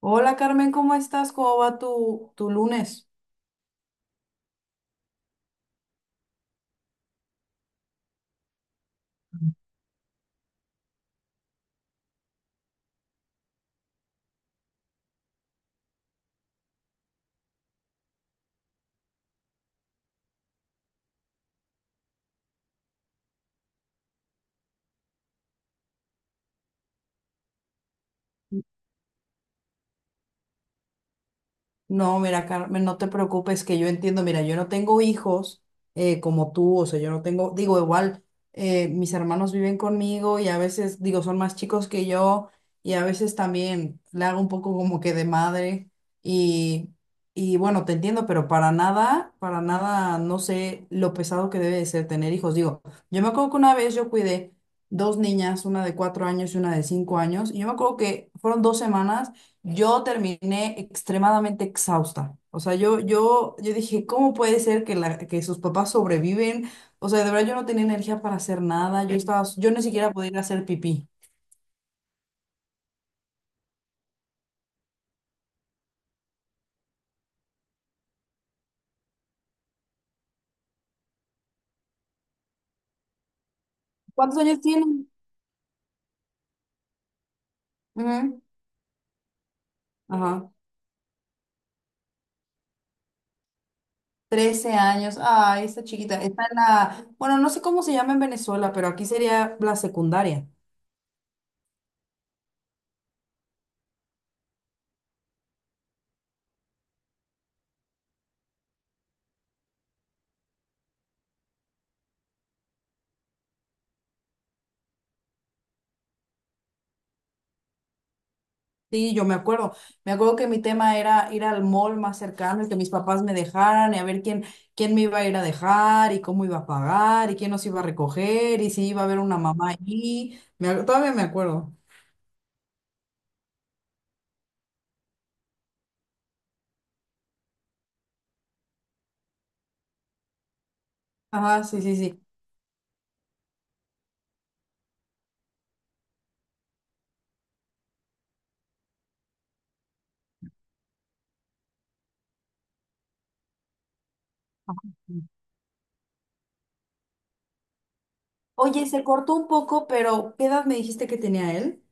Hola Carmen, ¿cómo estás? ¿Cómo va tu lunes? No, mira, Carmen, no te preocupes, que yo entiendo, mira, yo no tengo hijos como tú, o sea, yo no tengo, digo, igual, mis hermanos viven conmigo y a veces, digo, son más chicos que yo y a veces también le hago un poco como que de madre y, y bueno, te entiendo, pero para nada, no sé lo pesado que debe de ser tener hijos. Digo, yo me acuerdo que una vez yo cuidé dos niñas, una de 4 años y una de 5 años, y yo me acuerdo que fueron 2 semanas. Yo terminé extremadamente exhausta. O sea, yo dije, ¿cómo puede ser que sus papás sobreviven? O sea, de verdad yo no tenía energía para hacer nada. Yo estaba, yo ni siquiera podía ir a hacer pipí. ¿Cuántos años tienen? Ujú. Ajá. 13 años. Ay, esta chiquita. Está en la, bueno, no sé cómo se llama en Venezuela, pero aquí sería la secundaria. Sí, yo me acuerdo. Me acuerdo que mi tema era ir al mall más cercano y que mis papás me dejaran y a ver quién, quién me iba a ir a dejar y cómo iba a pagar y quién nos iba a recoger y si iba a haber una mamá allí. Todavía me acuerdo. Ajá, sí, sí, sí. Oye, se cortó un poco, pero ¿qué edad me dijiste que tenía él?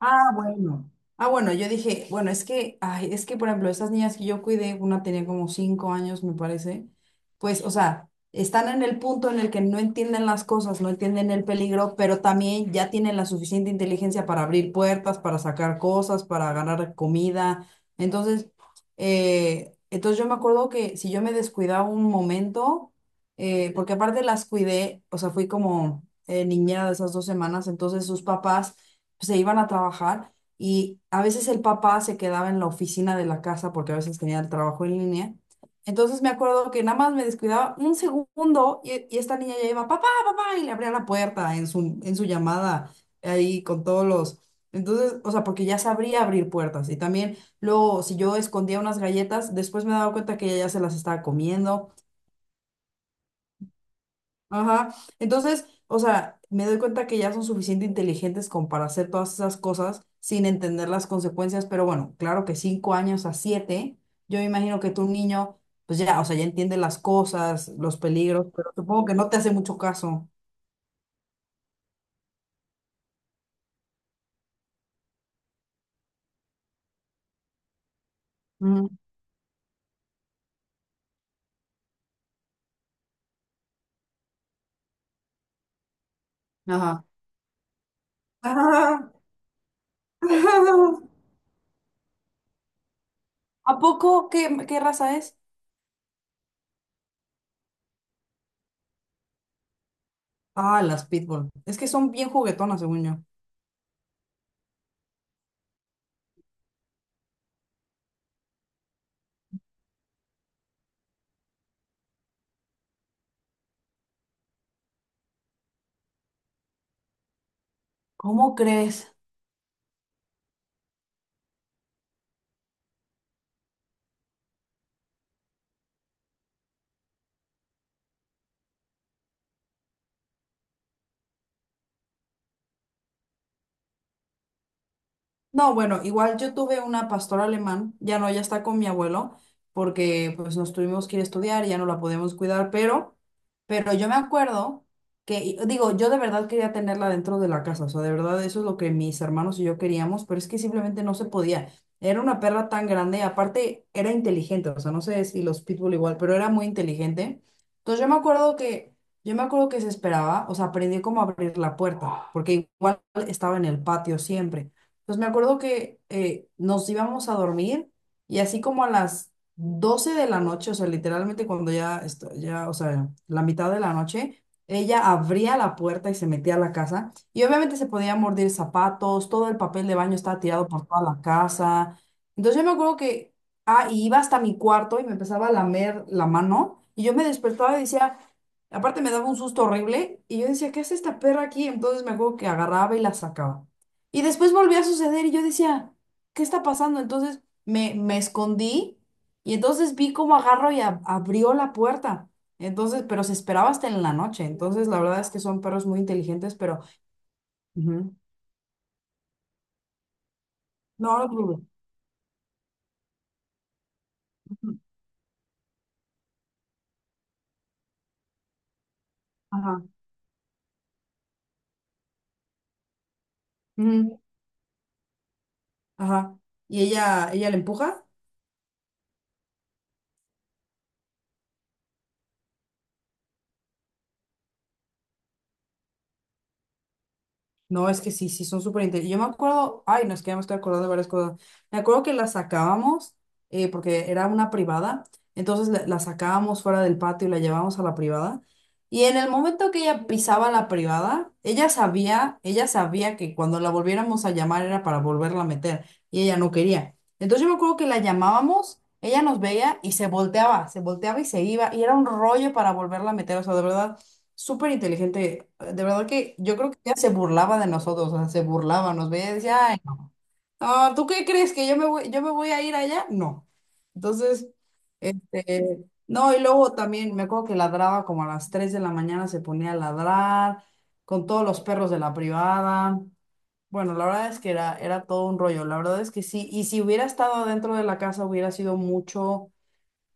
Ah, bueno. Ah, bueno, yo dije, bueno, es que, por ejemplo, esas niñas que yo cuidé, una tenía como 5 años, me parece, pues, o sea, están en el punto en el que no entienden las cosas, no entienden el peligro, pero también ya tienen la suficiente inteligencia para abrir puertas, para sacar cosas, para ganar comida. Entonces, entonces yo me acuerdo que si yo me descuidaba un momento, porque aparte las cuidé, o sea, fui como niñera de esas 2 semanas, entonces sus papás se iban a trabajar y a veces el papá se quedaba en la oficina de la casa porque a veces tenía el trabajo en línea. Entonces me acuerdo que nada más me descuidaba un segundo y esta niña ya iba, papá, papá, y le abría la puerta en su llamada ahí con todos los... Entonces, o sea, porque ya sabría abrir puertas y también luego si yo escondía unas galletas, después me daba cuenta que ella ya se las estaba comiendo. Ajá. Entonces, o sea, me doy cuenta que ya son suficiente inteligentes como para hacer todas esas cosas sin entender las consecuencias, pero bueno, claro que 5 años a siete, yo me imagino que tu niño, pues ya, o sea, ya entiende las cosas, los peligros, pero supongo que no te hace mucho caso. Ujú. Ajá. Ah, ¿A poco qué raza es? Ah, las pitbull. Es que son bien juguetonas, según yo. ¿Cómo crees? No, bueno, igual yo tuve una pastora alemán, ya no, ya está con mi abuelo, porque pues nos tuvimos que ir a estudiar, ya no la podemos cuidar, pero, pero yo me acuerdo que, digo, yo de verdad quería tenerla dentro de la casa, o sea, de verdad eso es lo que mis hermanos y yo queríamos, pero es que simplemente no se podía. Era una perra tan grande, aparte era inteligente, o sea, no sé si los pitbull igual, pero era muy inteligente. Entonces yo me acuerdo que se esperaba, o sea, aprendí cómo abrir la puerta, porque igual estaba en el patio siempre. Pues me acuerdo que nos íbamos a dormir y así como a las 12 de la noche, o sea, literalmente cuando ya, ya, o sea, la mitad de la noche, ella abría la puerta y se metía a la casa y obviamente se podía morder zapatos, todo el papel de baño estaba tirado por toda la casa. Entonces yo me acuerdo que, y iba hasta mi cuarto y me empezaba a lamer la mano y yo me despertaba y decía... Aparte me daba un susto horrible y yo decía, ¿qué hace esta perra aquí? Entonces me acuerdo que agarraba y la sacaba. Y después volvió a suceder y yo decía, ¿qué está pasando? Entonces me escondí y entonces vi cómo agarró y abrió la puerta. Entonces, pero se esperaba hasta en la noche. Entonces, la verdad es que son perros muy inteligentes, pero ujú, no lo dudo. Ujú. Ajá. Ujú. Ajá. Y ella le empuja. No, es que sí, sí, son súper interesantes. Yo me acuerdo, ay, no, es que ya me estoy acordando de varias cosas. Me acuerdo que la sacábamos, porque era una privada, entonces la sacábamos fuera del patio y la llevábamos a la privada. Y en el momento que ella pisaba la privada, ella sabía que cuando la volviéramos a llamar era para volverla a meter, y ella no quería. Entonces yo me acuerdo que la llamábamos, ella nos veía y se volteaba y se iba, y era un rollo para volverla a meter, o sea, de verdad súper inteligente. De verdad que yo creo que ya se burlaba de nosotros, o sea, se burlaba, nos veía y decía, ay, no, no, ¿tú qué crees que yo me voy a ir allá? No. Entonces, este, no, y luego también me acuerdo que ladraba como a las 3 de la mañana, se ponía a ladrar con todos los perros de la privada. Bueno, la verdad es que era, era todo un rollo, la verdad es que sí, y si hubiera estado dentro de la casa hubiera sido mucho,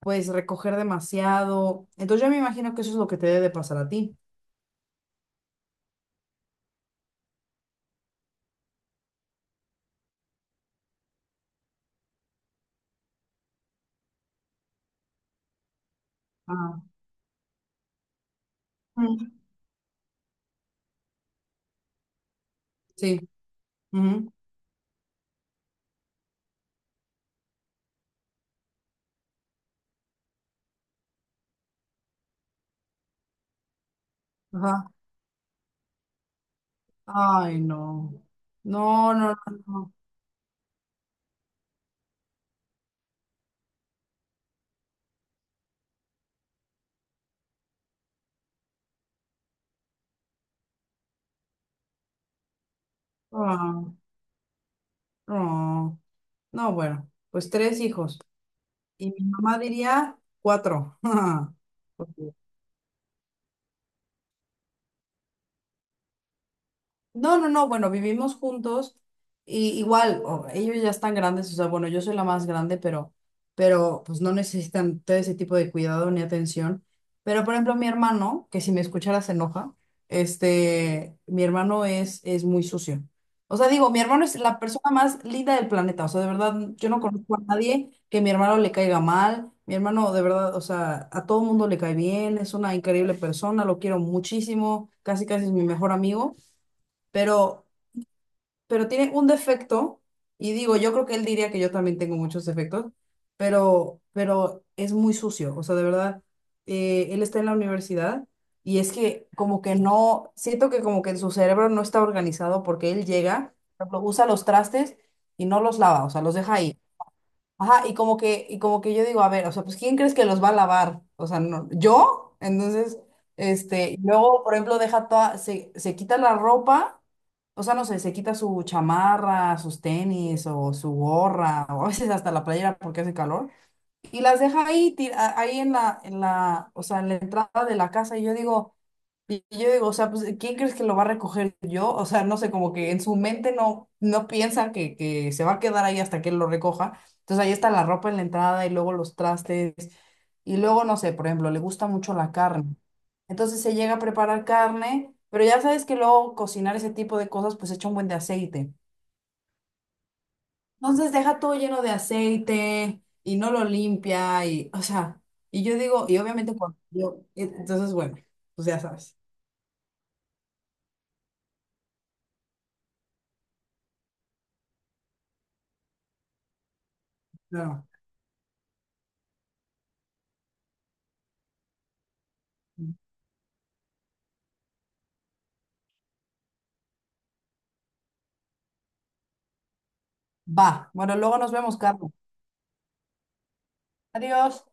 pues recoger demasiado. Entonces yo me imagino que eso es lo que te debe de pasar a ti. Mm, sí. Ujú. Ajá. Ay, no. No, no, no, no. Ah, no. No, bueno, pues tres hijos. Y mi mamá diría cuatro. Porque no, no, no, bueno, vivimos juntos y igual, ellos ya están grandes, o sea, bueno, yo soy la más grande, pero, pues no necesitan todo ese tipo de cuidado ni atención. Pero, por ejemplo, mi hermano, que si me escuchara se enoja, este, mi hermano es muy sucio. O sea, digo, mi hermano es la persona más linda del planeta, o sea, de verdad, yo no conozco a nadie que mi hermano le caiga mal, mi hermano, de verdad, o sea, a todo mundo le cae bien, es una increíble persona, lo quiero muchísimo, casi casi es mi mejor amigo pero, pero, tiene un defecto, y digo, yo creo que él diría que yo también tengo muchos defectos, pero es muy sucio, o sea, de verdad, él está en la universidad y es que como que no, siento que como que en su cerebro no está organizado porque él llega, por ejemplo, usa los trastes y no los lava, o sea, los deja ahí. Ajá, y como que yo digo, a ver, o sea, pues ¿quién crees que los va a lavar? O sea, no, ¿yo? Entonces, este, y luego, por ejemplo, deja toda, se quita la ropa, o sea, no sé, se quita su chamarra, sus tenis o su gorra, o a veces hasta la playera porque hace calor y las deja ahí, ahí en la, o sea, en la entrada de la casa. Y yo digo, o sea, pues, ¿quién crees que lo va a recoger yo? O sea, no sé, como que en su mente no piensa que se va a quedar ahí hasta que él lo recoja. Entonces ahí está la ropa en la entrada y luego los trastes. Y luego, no sé, por ejemplo, le gusta mucho la carne. Entonces se llega a preparar carne, pero ya sabes que luego cocinar ese tipo de cosas pues echa un buen de aceite. Entonces deja todo lleno de aceite y no lo limpia y, o sea, y yo digo, y obviamente cuando yo, entonces bueno, pues ya sabes. No, no. Va, bueno, luego nos vemos, Carlos. Adiós.